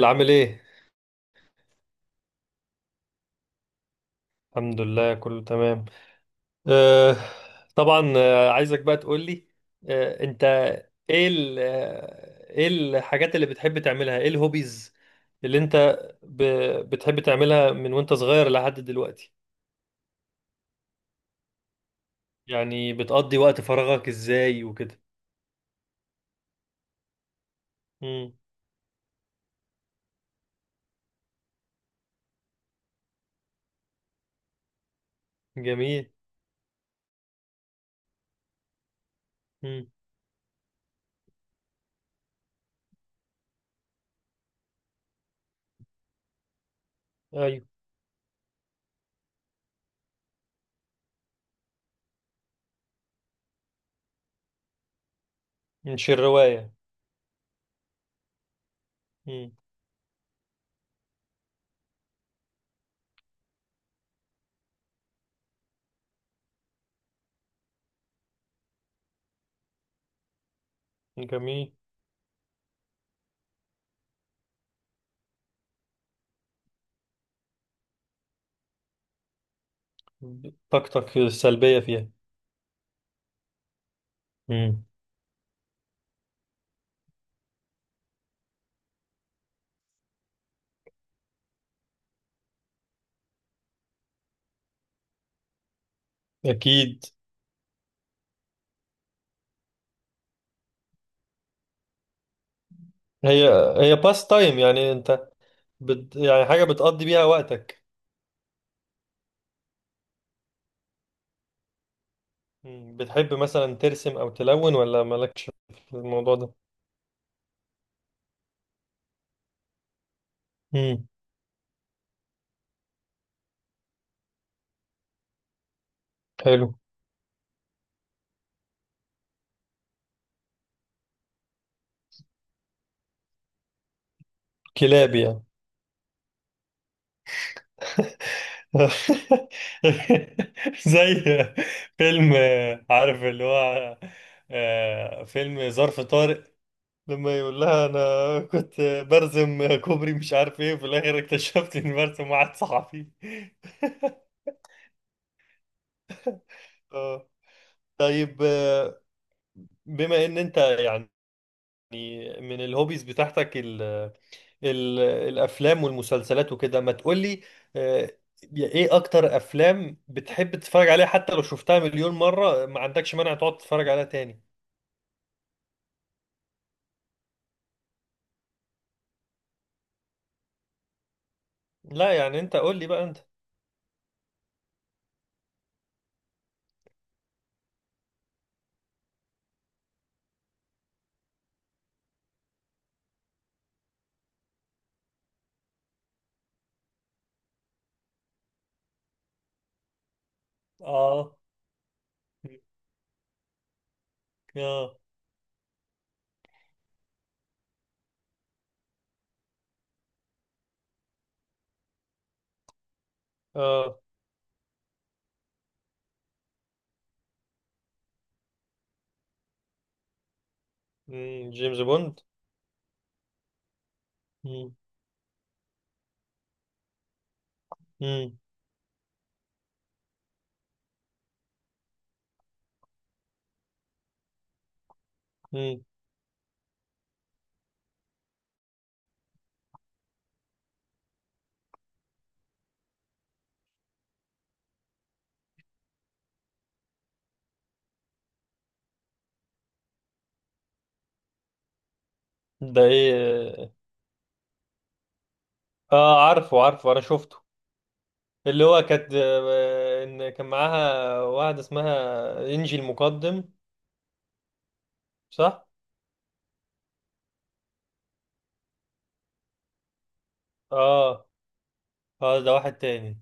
بلال عامل ايه؟ الحمد لله كله تمام. آه. طبعا، عايزك بقى تقول لي. انت ايه ال آه، ايه الحاجات اللي بتحب تعملها؟ ايه الهوبيز اللي انت ب... بتحب تعملها من وانت صغير لحد دلوقتي؟ يعني بتقضي وقت فراغك ازاي وكده؟ امم. جميل. امم. ايوه. مش الرواية. امم. جميل. طاقتك السلبية فيها. امم. اكيد. هي هي باس تايم، يعني انت يعني حاجة بتقضي بيها وقتك. مم. بتحب مثلا ترسم أو تلون ولا مالكش في الموضوع ده؟ مم. حلو. كلاب يعني. زي فيلم، عارف اللي هو، فيلم ظرف طارق، لما يقول لها انا كنت برسم كوبري مش عارف ايه، وفي الاخر اكتشفت اني برسم واحد صحفي. آه. طيب بما ان انت يعني من الهوبيز بتاعتك ال- الافلام والمسلسلات وكده، ما تقولي آه، ايه اكتر افلام بتحب تتفرج عليها، حتى لو شفتها مليون مرة ما عندكش مانع تقعد تتفرج عليها تاني؟ لا يعني انت قول لي بقى انت. اه. اه. اه. مم، جيمس بوند. مم. مم. مم. ده ايه؟ اه، عارفه عارفه، انا شفته. اللي هو كانت ان كان معاها واحدة اسمها انجي المقدم. صح. اه. اه، ده واحد تاني.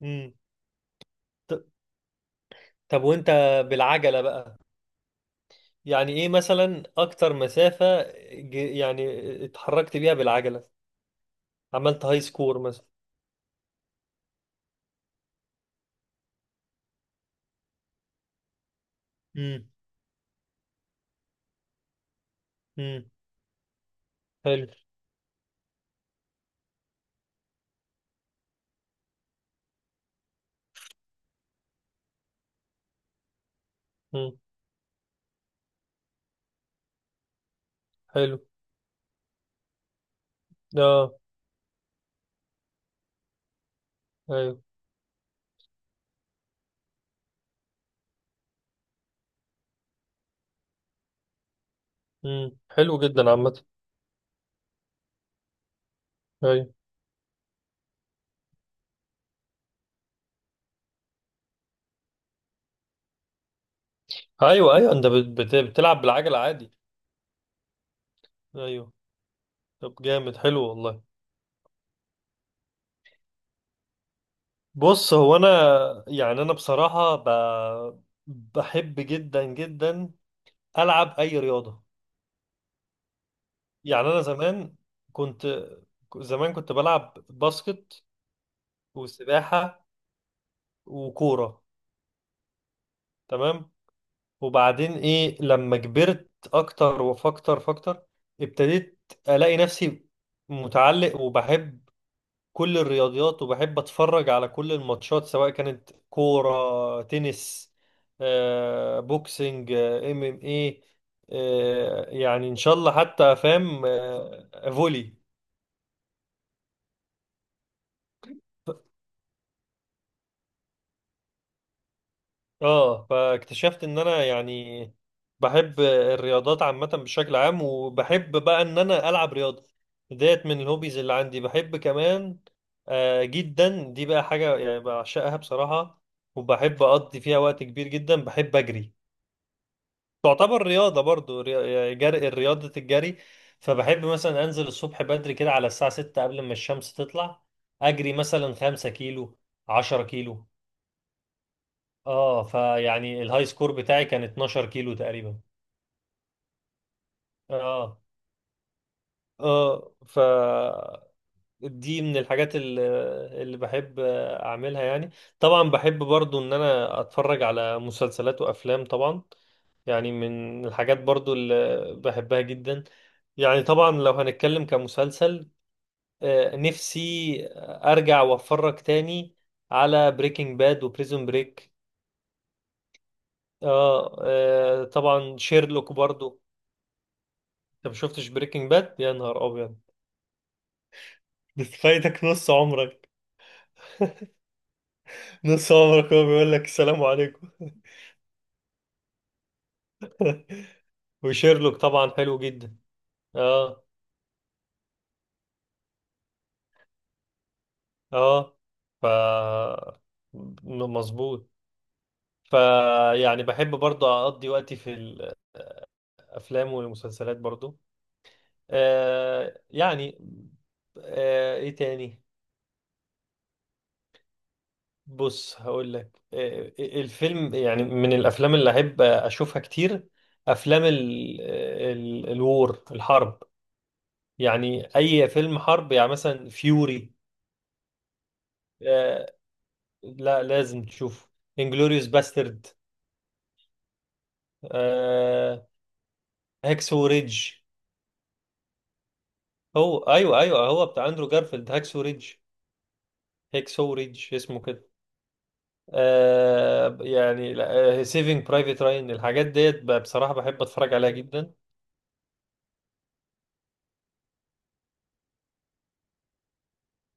مم. طب وانت بالعجلة بقى، يعني ايه مثلا اكتر مسافة يعني اتحركت بيها بالعجلة، عملت هاي سكور مثلا؟ امم. امم. حلو. امم. حلو. اه. ايوه. امم. حلو جدا عامة. ايوه. ايوه. ايوه، انت بتلعب بالعجلة عادي. ايوه. طب جامد حلو والله. بص هو انا يعني، انا بصراحة بحب جدا جدا العب اي رياضة. يعني انا زمان كنت، زمان كنت بلعب باسكت وسباحة وكورة. تمام. وبعدين ايه لما كبرت اكتر وفاكتر، ابتديت الاقي نفسي متعلق، وبحب كل الرياضيات، وبحب اتفرج على كل الماتشات، سواء كانت كورة، تنس، بوكسنج، ام ام ايه، يعني ان شاء الله حتى فاهم فولي. اه فاكتشفت ان انا يعني بحب الرياضات عامة بشكل عام، وبحب بقى ان انا العب رياضة. ديت من الهوبيز اللي عندي. بحب كمان جدا، دي بقى حاجة يعني بعشقها بصراحة، وبحب اقضي فيها وقت كبير جدا. بحب اجري. تعتبر رياضة برضو يعني جري، رياضة الجري. فبحب مثلا انزل الصبح بدري كده على الساعة 6 قبل ما الشمس تطلع، اجري مثلا 5 كيلو، 10 كيلو. اه فيعني الهاي سكور بتاعي كان 12 كيلو تقريبا. اه. اه. ف دي من الحاجات اللي بحب اعملها يعني. طبعا بحب برضو ان انا اتفرج على مسلسلات وافلام طبعا، يعني من الحاجات برضو اللي بحبها جدا. يعني طبعا لو هنتكلم كمسلسل، نفسي ارجع واتفرج تاني على بريكنج باد وبريزون بريك. اه طبعا شيرلوك برضو. انت ما شفتش بريكنج باد؟ يا نهار ابيض، ده فايتك نص عمرك. نص عمرك هو بيقول لك السلام عليكم. وشيرلوك طبعا حلو جدا. اه. اه. ف مظبوط. ف يعني بحب برضه اقضي وقتي في الافلام والمسلسلات برضه. يعني، ايه تاني؟ بص هقول لك، الفيلم يعني، من الافلام اللي احب اشوفها كتير افلام ال ال الوور، الحرب، يعني اي فيلم حرب، يعني مثلا فيوري. آه. لا لازم تشوفه. انجلوريوس باسترد. آه. هاكسو ريدج. هو ايوه ايوه، هو بتاع اندرو جارفيلد، هاكسو ريدج، هاكسو ريدج اسمه كده. يعني سيفينج برايفت راين، الحاجات ديت بقى بصراحة بحب اتفرج عليها جدا.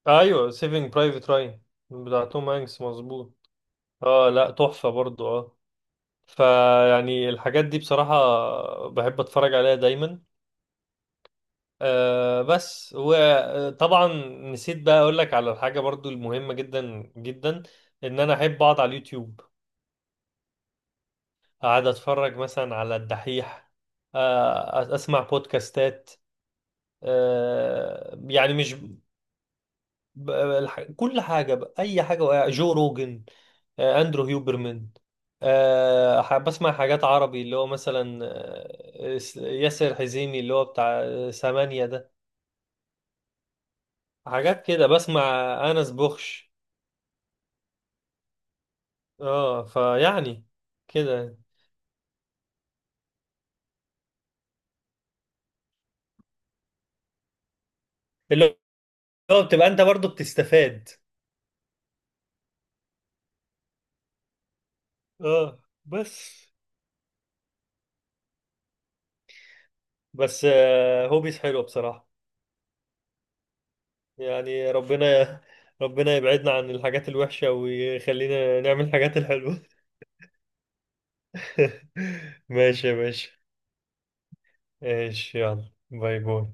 ايوه سيفينج برايفت راين بتاع توم هانكس مظبوط. اه لا تحفة برضو اه. فيعني الحاجات دي بصراحة بحب اتفرج عليها دايما. آه بس، وطبعا نسيت بقى اقول لك على الحاجه برضو المهمه جدا جدا، ان انا احب اقعد على اليوتيوب، اقعد اتفرج مثلا على الدحيح، آه اسمع بودكاستات. آه يعني مش ب- الح- كل حاجه بقى، اي حاجه بقى. جو روجن، اندرو هيوبرمان، بسمع حاجات عربي اللي هو مثلا ياسر حزيمي اللي هو بتاع ثمانية ده. حاجات كده بسمع. انس بوخش. اه فيعني كده، اللي هو بتبقى انت برضو بتستفاد. اه بس. بس هوبيز حلوة بصراحة. يعني ربنا، ربنا يبعدنا عن الحاجات الوحشة ويخلينا نعمل الحاجات الحلوة. ماشي يا باشا. ماشي يلا، باي باي.